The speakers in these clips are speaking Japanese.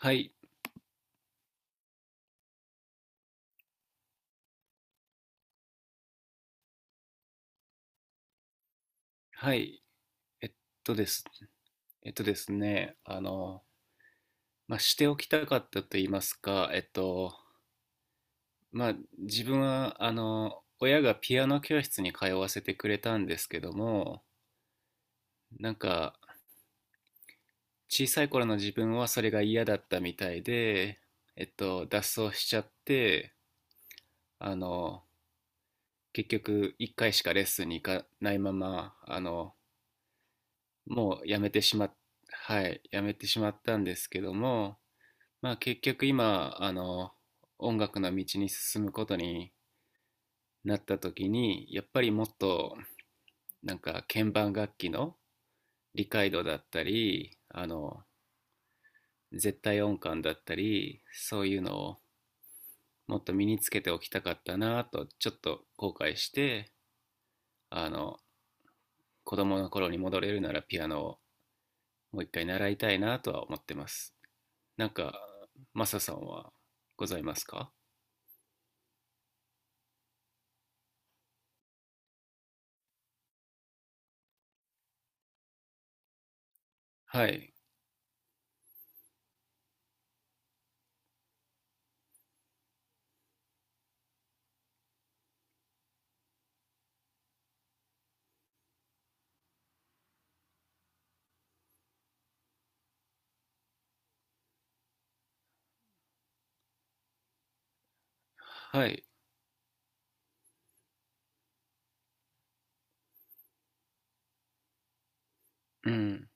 はい、はい。えっとです。えっとですね、あの、まあ、しておきたかったと言いますか、まあ、自分は、親がピアノ教室に通わせてくれたんですけども、なんか、小さい頃の自分はそれが嫌だったみたいで、脱走しちゃって、あの、結局、一回しかレッスンに行かないまま、あの、もうやめてしまっ、はい、やめてしまったんですけども、まあ結局今音楽の道に進むことになった時に、やっぱりもっと鍵盤楽器の理解度だったり、絶対音感だったり、そういうのをもっと身につけておきたかったなとちょっと後悔して、あの子供の頃に戻れるならピアノをもう一回習いたいなとは思ってます。なんかマサさんはございますか？はい、はい、うん。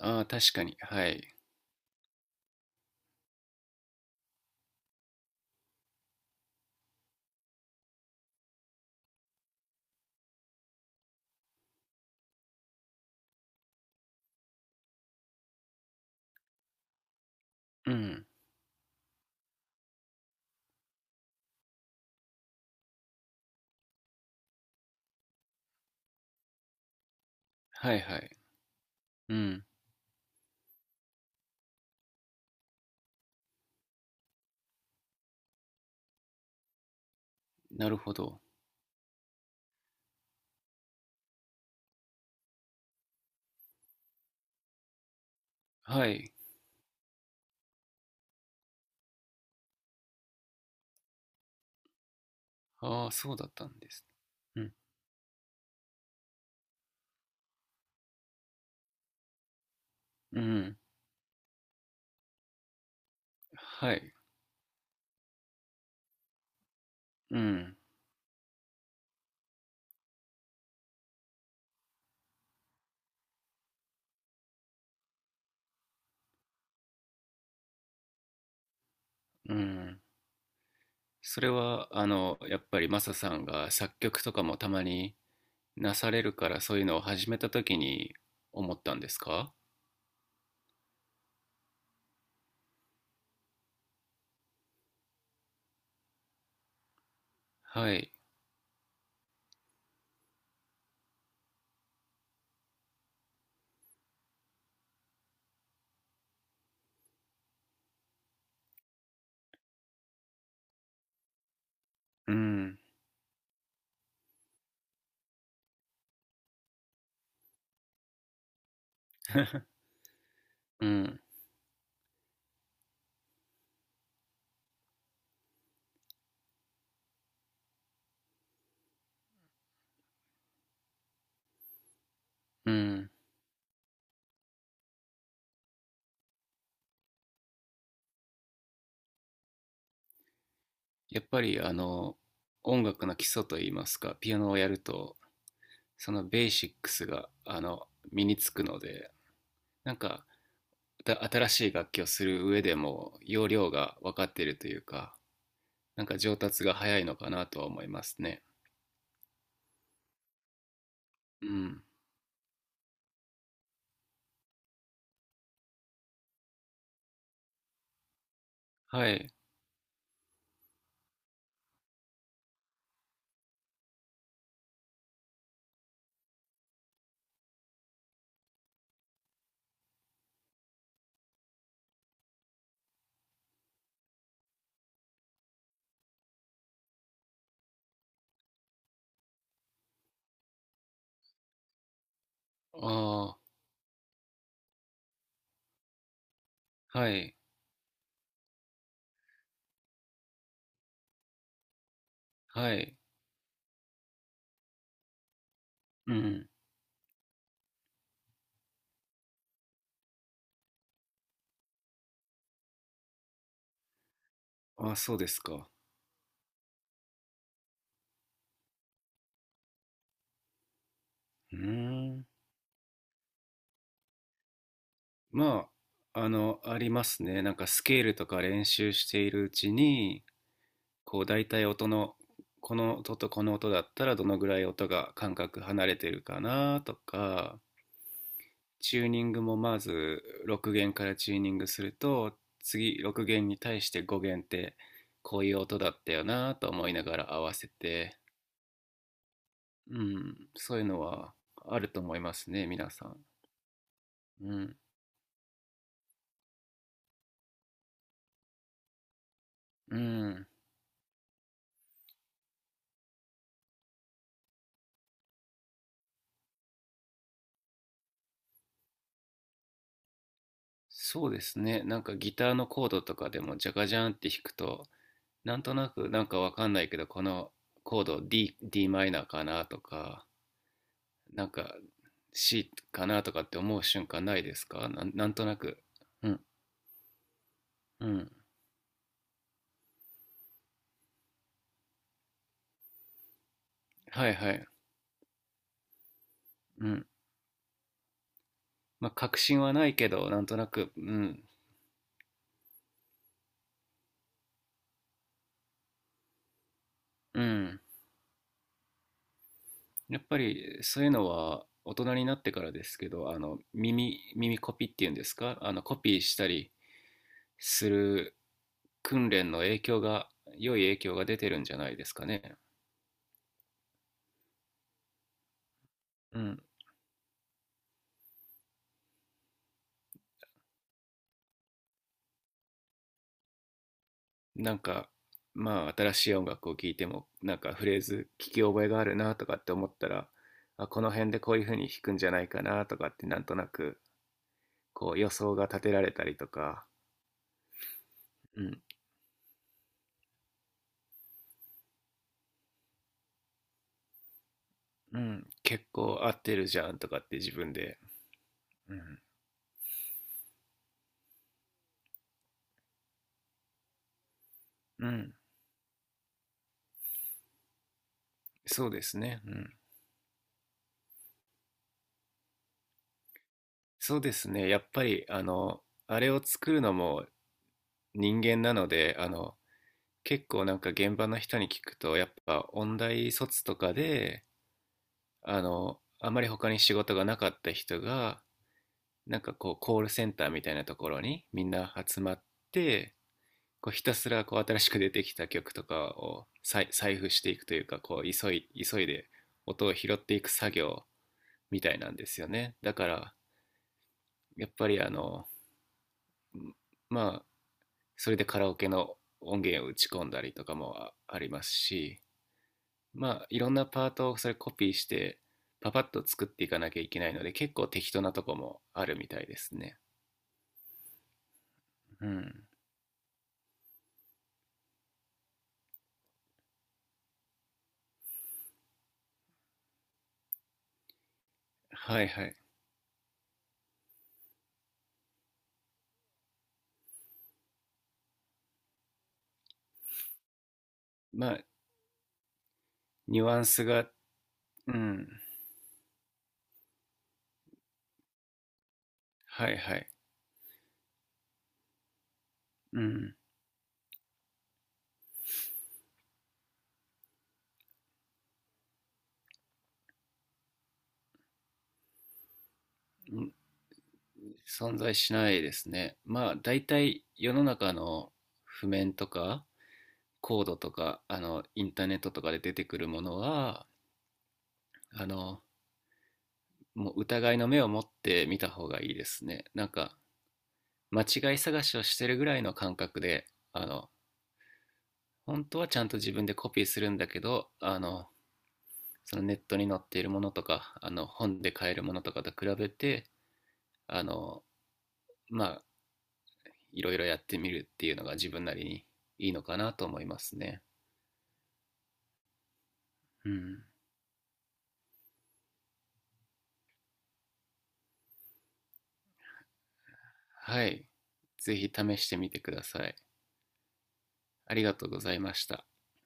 ああ、確かに。はい。うん。はい、はい。うん。なるほど。はい。ああ、そうだったんです。うん。うん。はい。うん。うん。それは、やっぱりマサさんが作曲とかもたまになされるから、そういうのを始めた時に思ったんですか？はい。うん。うん。うん。やっぱり、音楽の基礎といいますか、ピアノをやると、そのベーシックスが、身につくので、なんかた新しい楽器をする上でも要領が分かっているというか、なんか上達が早いのかなとは思いますね。うん。はい。ああ、はい。はい。うん。あ、そうですか。うーん。まあ、ありますね。なんかスケールとか練習しているうちに、こう大体音の、この音とこの音だったらどのぐらい音が間隔離れてるかなとか、チューニングもまず6弦からチューニングすると、次6弦に対して5弦ってこういう音だったよなと思いながら合わせて、うん、そういうのはあると思いますね、皆さん。うん、うん。そうですね、なんかギターのコードとかでもジャカジャンって弾くと、なんとなくなんかわかんないけどこのコード D, D マイナーかなとか、なんか C かなとかって思う瞬間ないですか、なんなんとなく。うん、うん、はい、はい。うん。まあ、確信はないけど、なんとなく、うん。うん。やっぱり、そういうのは、大人になってからですけど、耳コピっていうんですか、コピーしたりする訓練の影響が、良い影響が出てるんじゃないですかね。うん。なんか、まあ、新しい音楽を聴いても、なんかフレーズ聞き覚えがあるなとかって思ったら、あ、この辺でこういう風に弾くんじゃないかなとかって、なんとなく、こう予想が立てられたりとか、うん、結構合ってるじゃんとかって自分で、うん、うん、そうですね、うん。そうですね、やっぱりあれを作るのも人間なので、結構なんか現場の人に聞くと、やっぱ音大卒とかで、あまり他に仕事がなかった人が、なんかこうコールセンターみたいなところにみんな集まって、こうひたすらこう新しく出てきた曲とかを再採布していくというか、こう急いで音を拾っていく作業みたいなんですよね。だから、やっぱりまあ、それでカラオケの音源を打ち込んだりとかもあありますし、まあいろんなパートをそれコピーしてパパッと作っていかなきゃいけないので、結構適当なとこもあるみたいですね。うん、はい、はい。まあ、ニュアンスが、うん、はい、はい、うん、存在しないですね。まあ、大体世の中の譜面とかコードとか、インターネットとかで出てくるものは、あの、もう疑いの目を持って見た方がいいですね。なんか、間違い探しをしてるぐらいの感覚で、あの、本当はちゃんと自分でコピーするんだけど、そのネットに載っているものとか、本で買えるものとかと比べて、あの、まあ、いろいろやってみるっていうのが自分なりにいいのかなと思いますね。うん。はい。ぜひ試してみてください。ありがとうございました。